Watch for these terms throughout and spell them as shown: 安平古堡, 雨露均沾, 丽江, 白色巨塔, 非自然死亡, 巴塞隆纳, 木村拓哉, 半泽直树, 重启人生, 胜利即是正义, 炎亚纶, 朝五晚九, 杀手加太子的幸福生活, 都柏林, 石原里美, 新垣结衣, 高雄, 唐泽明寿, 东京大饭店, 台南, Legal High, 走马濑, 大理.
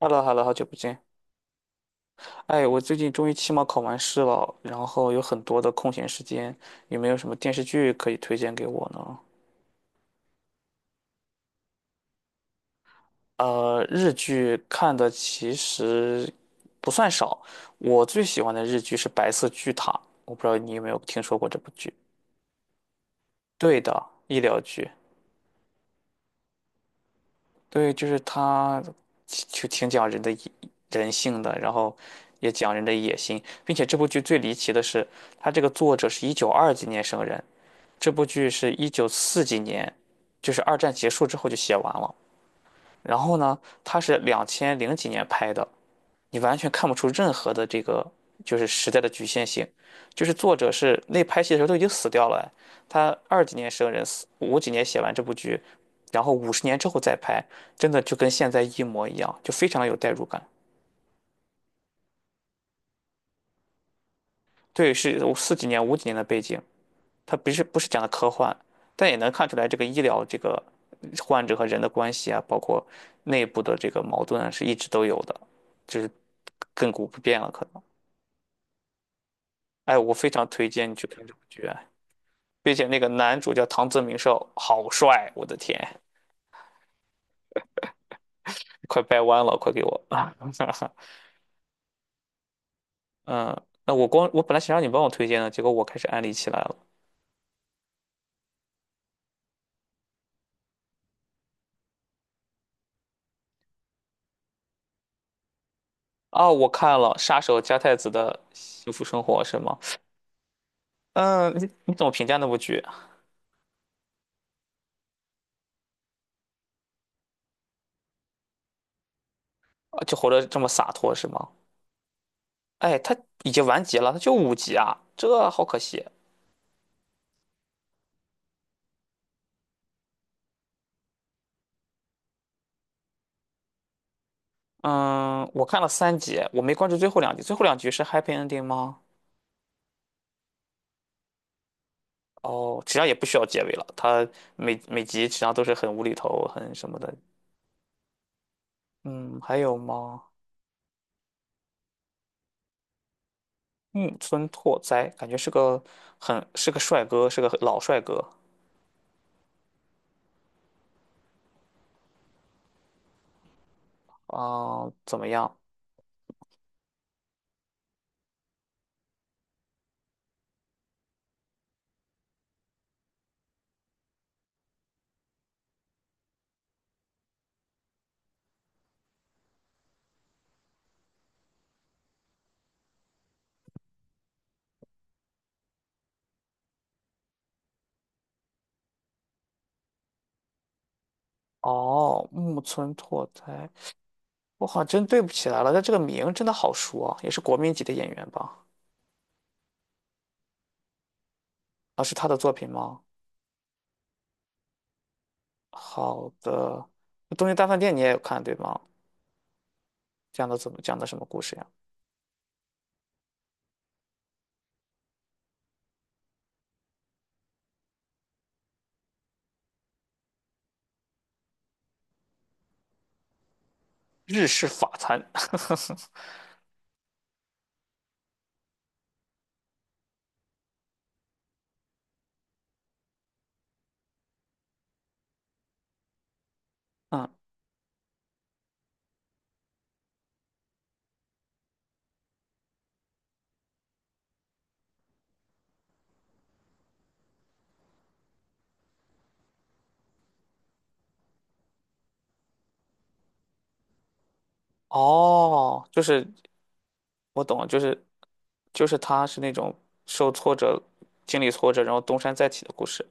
h e l l o h e l l o 好久不见。哎，我最近终于期末考完试了，然后有很多的空闲时间，有没有什么电视剧可以推荐给我呢？日剧看的其实不算少，我最喜欢的日剧是《白色巨塔》，我不知道你有没有听说过这部剧？对的，医疗剧，对，就是它就挺讲人的人性的，然后也讲人的野心，并且这部剧最离奇的是，它这个作者是一九二几年生人。这部剧是一九四几年，就是二战结束之后就写完了。然后呢，它是两千零几年拍的，你完全看不出任何的这个就是时代的局限性。就是作者是那拍戏的时候都已经死掉了，他二几年生人，五几年写完这部剧，然后50年之后再拍，真的就跟现在一模一样，就非常的有代入感。对，是四几年、五几年的背景，它不是讲的科幻，但也能看出来这个医疗这个患者和人的关系啊，包括内部的这个矛盾啊是一直都有的，就是亘古不变了可能。哎，我非常推荐你去看这部剧啊，并且那个男主叫唐泽明寿，好帅，我的天，快掰弯了，快给我！嗯，那我本来想让你帮我推荐的，结果我开始安利起来了。啊，我看了《杀手加太子的幸福生活》是吗？嗯，你怎么评价那部剧？啊就活得这么洒脱是吗？哎，他已经完结了，他就五集啊，这好可惜。嗯，我看了三集，我没关注最后两集，最后两集是 happy ending 吗？哦，实际上也不需要结尾了，他每集实际上都是很无厘头、很什么的。嗯，还有吗？木村拓哉感觉是个很是个帅哥，是个老帅哥啊，怎么样？哦，木村拓哉，我好像真对不起来了，但这个名真的好熟啊，也是国民级的演员吧？啊，是他的作品吗？好的，那东京大饭店》你也有看对吗？讲的怎么讲的什么故事呀？日式法餐，嗯，哦，就是我懂了，就是他是那种受挫折、经历挫折，然后东山再起的故事。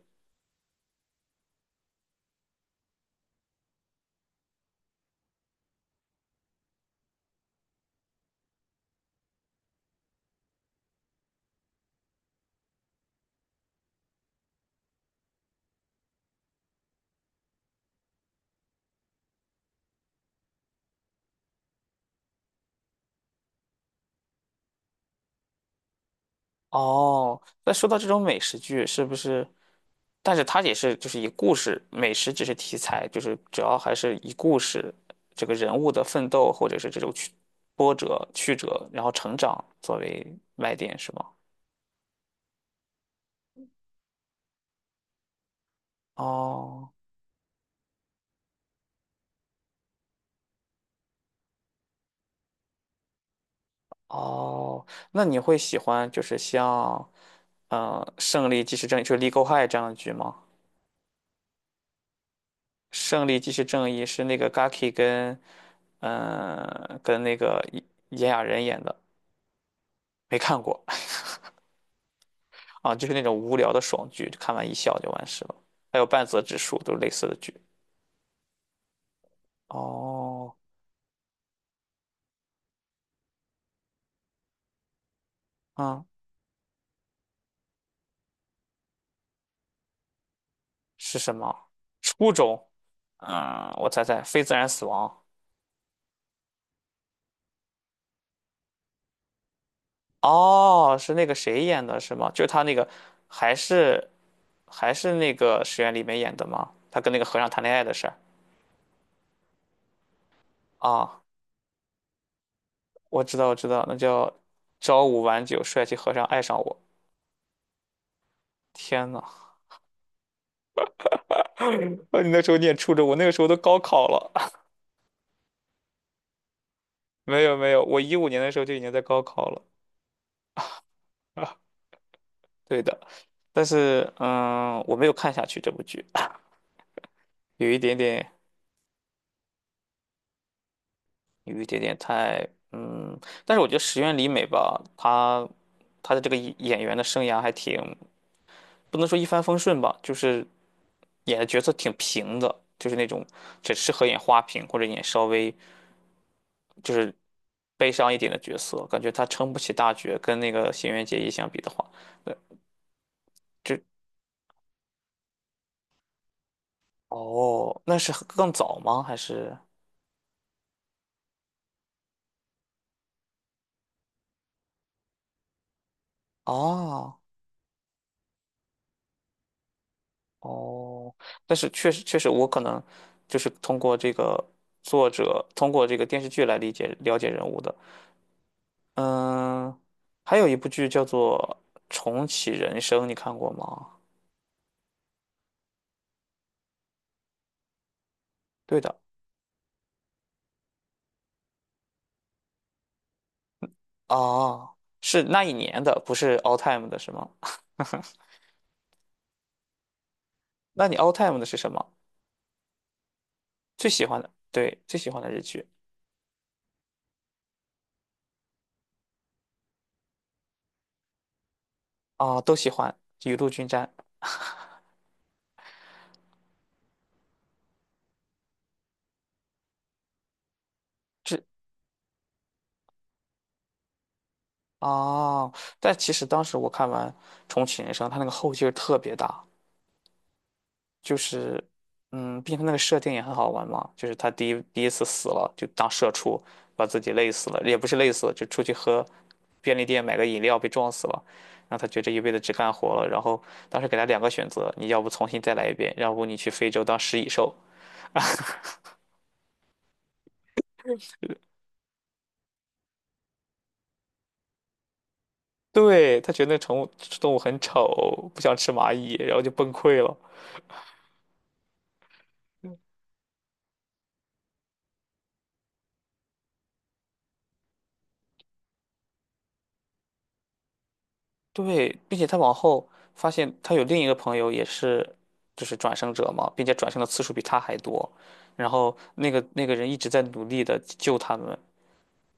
哦，那说到这种美食剧，是不是？但是它也是就是以故事，美食只是题材，就是主要还是以故事这个人物的奋斗或者是这种波折、曲折，然后成长作为卖点，是吗？哦哦，那你会喜欢就是像《胜利即是正义》就是《Legal High》这样的剧吗？《胜利即是正义》是那个 Gaki 跟那个炎亚纶演的，没看过。啊，就是那种无聊的爽剧，看完一笑就完事了。还有半泽直树都是类似的剧。哦，嗯，是什么？初中？嗯，我猜猜，非自然死亡。哦，是那个谁演的，是吗？就是他那个，还是那个石原里美演的吗？他跟那个和尚谈恋爱的事儿啊，我知道，我知道，那叫朝五晚九，帅气和尚爱上我。天呐，啊你那时候念初中，我那个时候都高考了。没有没有，我15年的时候就已经在高考了啊，对的，但是我没有看下去这部剧，有一点点，有一点点太。但是我觉得石原里美吧，她的这个演员的生涯还挺，不能说一帆风顺吧，就是演的角色挺平的，就是那种只适合演花瓶或者演稍微就是悲伤一点的角色，感觉她撑不起大角，跟那个新垣结衣相比的话，呃，就哦，那是很更早吗？还是啊？哦？但是确实，我可能就是通过这个作者，通过这个电视剧来理解了解人物的。嗯，还有一部剧叫做《重启人生》，你看过吗？对的，啊，是那一年的，不是 all time 的，是吗？那你 all time 的是什么？最喜欢的，对，最喜欢的日剧啊，都喜欢《雨露均沾》。哦，但其实当时我看完《重启人生》，它那个后劲儿特别大，就是，毕竟它那个设定也很好玩嘛，就是他第一次死了，就当社畜，把自己累死了，也不是累死了，就出去喝便利店买个饮料被撞死了，然后他觉得这一辈子只干活了，然后当时给他两个选择，你要不重新再来一遍，要不你去非洲当食蚁兽，对，他觉得那宠物动物很丑，不想吃蚂蚁，然后就崩溃了。对，并且他往后发现他有另一个朋友也是，就是转生者嘛，并且转生的次数比他还多。然后那个人一直在努力的救他们，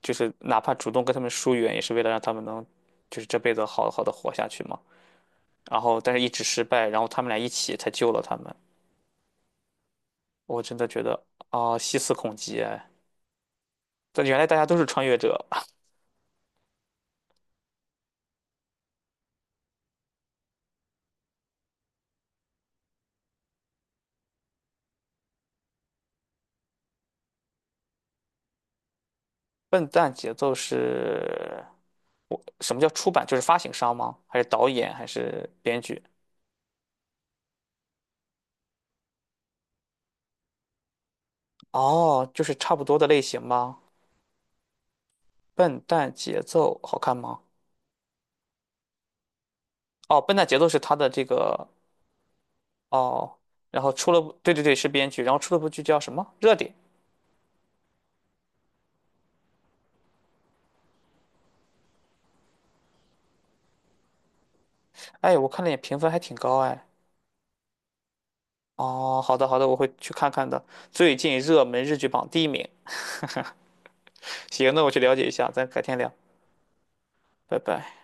就是哪怕主动跟他们疏远，也是为了让他们能，就是这辈子好好的活下去嘛。然后但是一直失败，然后他们俩一起才救了他们。我真的觉得啊，细思恐极哎！但原来大家都是穿越者。笨蛋节奏是什么叫出版？就是发行商吗？还是导演？还是编剧？哦，就是差不多的类型吗？笨蛋节奏好看吗？哦，笨蛋节奏是他的这个哦，然后出了部，对对对，是编剧，然后出了部剧叫什么？热点。哎，我看了眼评分还挺高哎。哦，好的好的，我会去看看的。最近热门日剧榜第一名。行，那我去了解一下，咱改天聊，拜拜。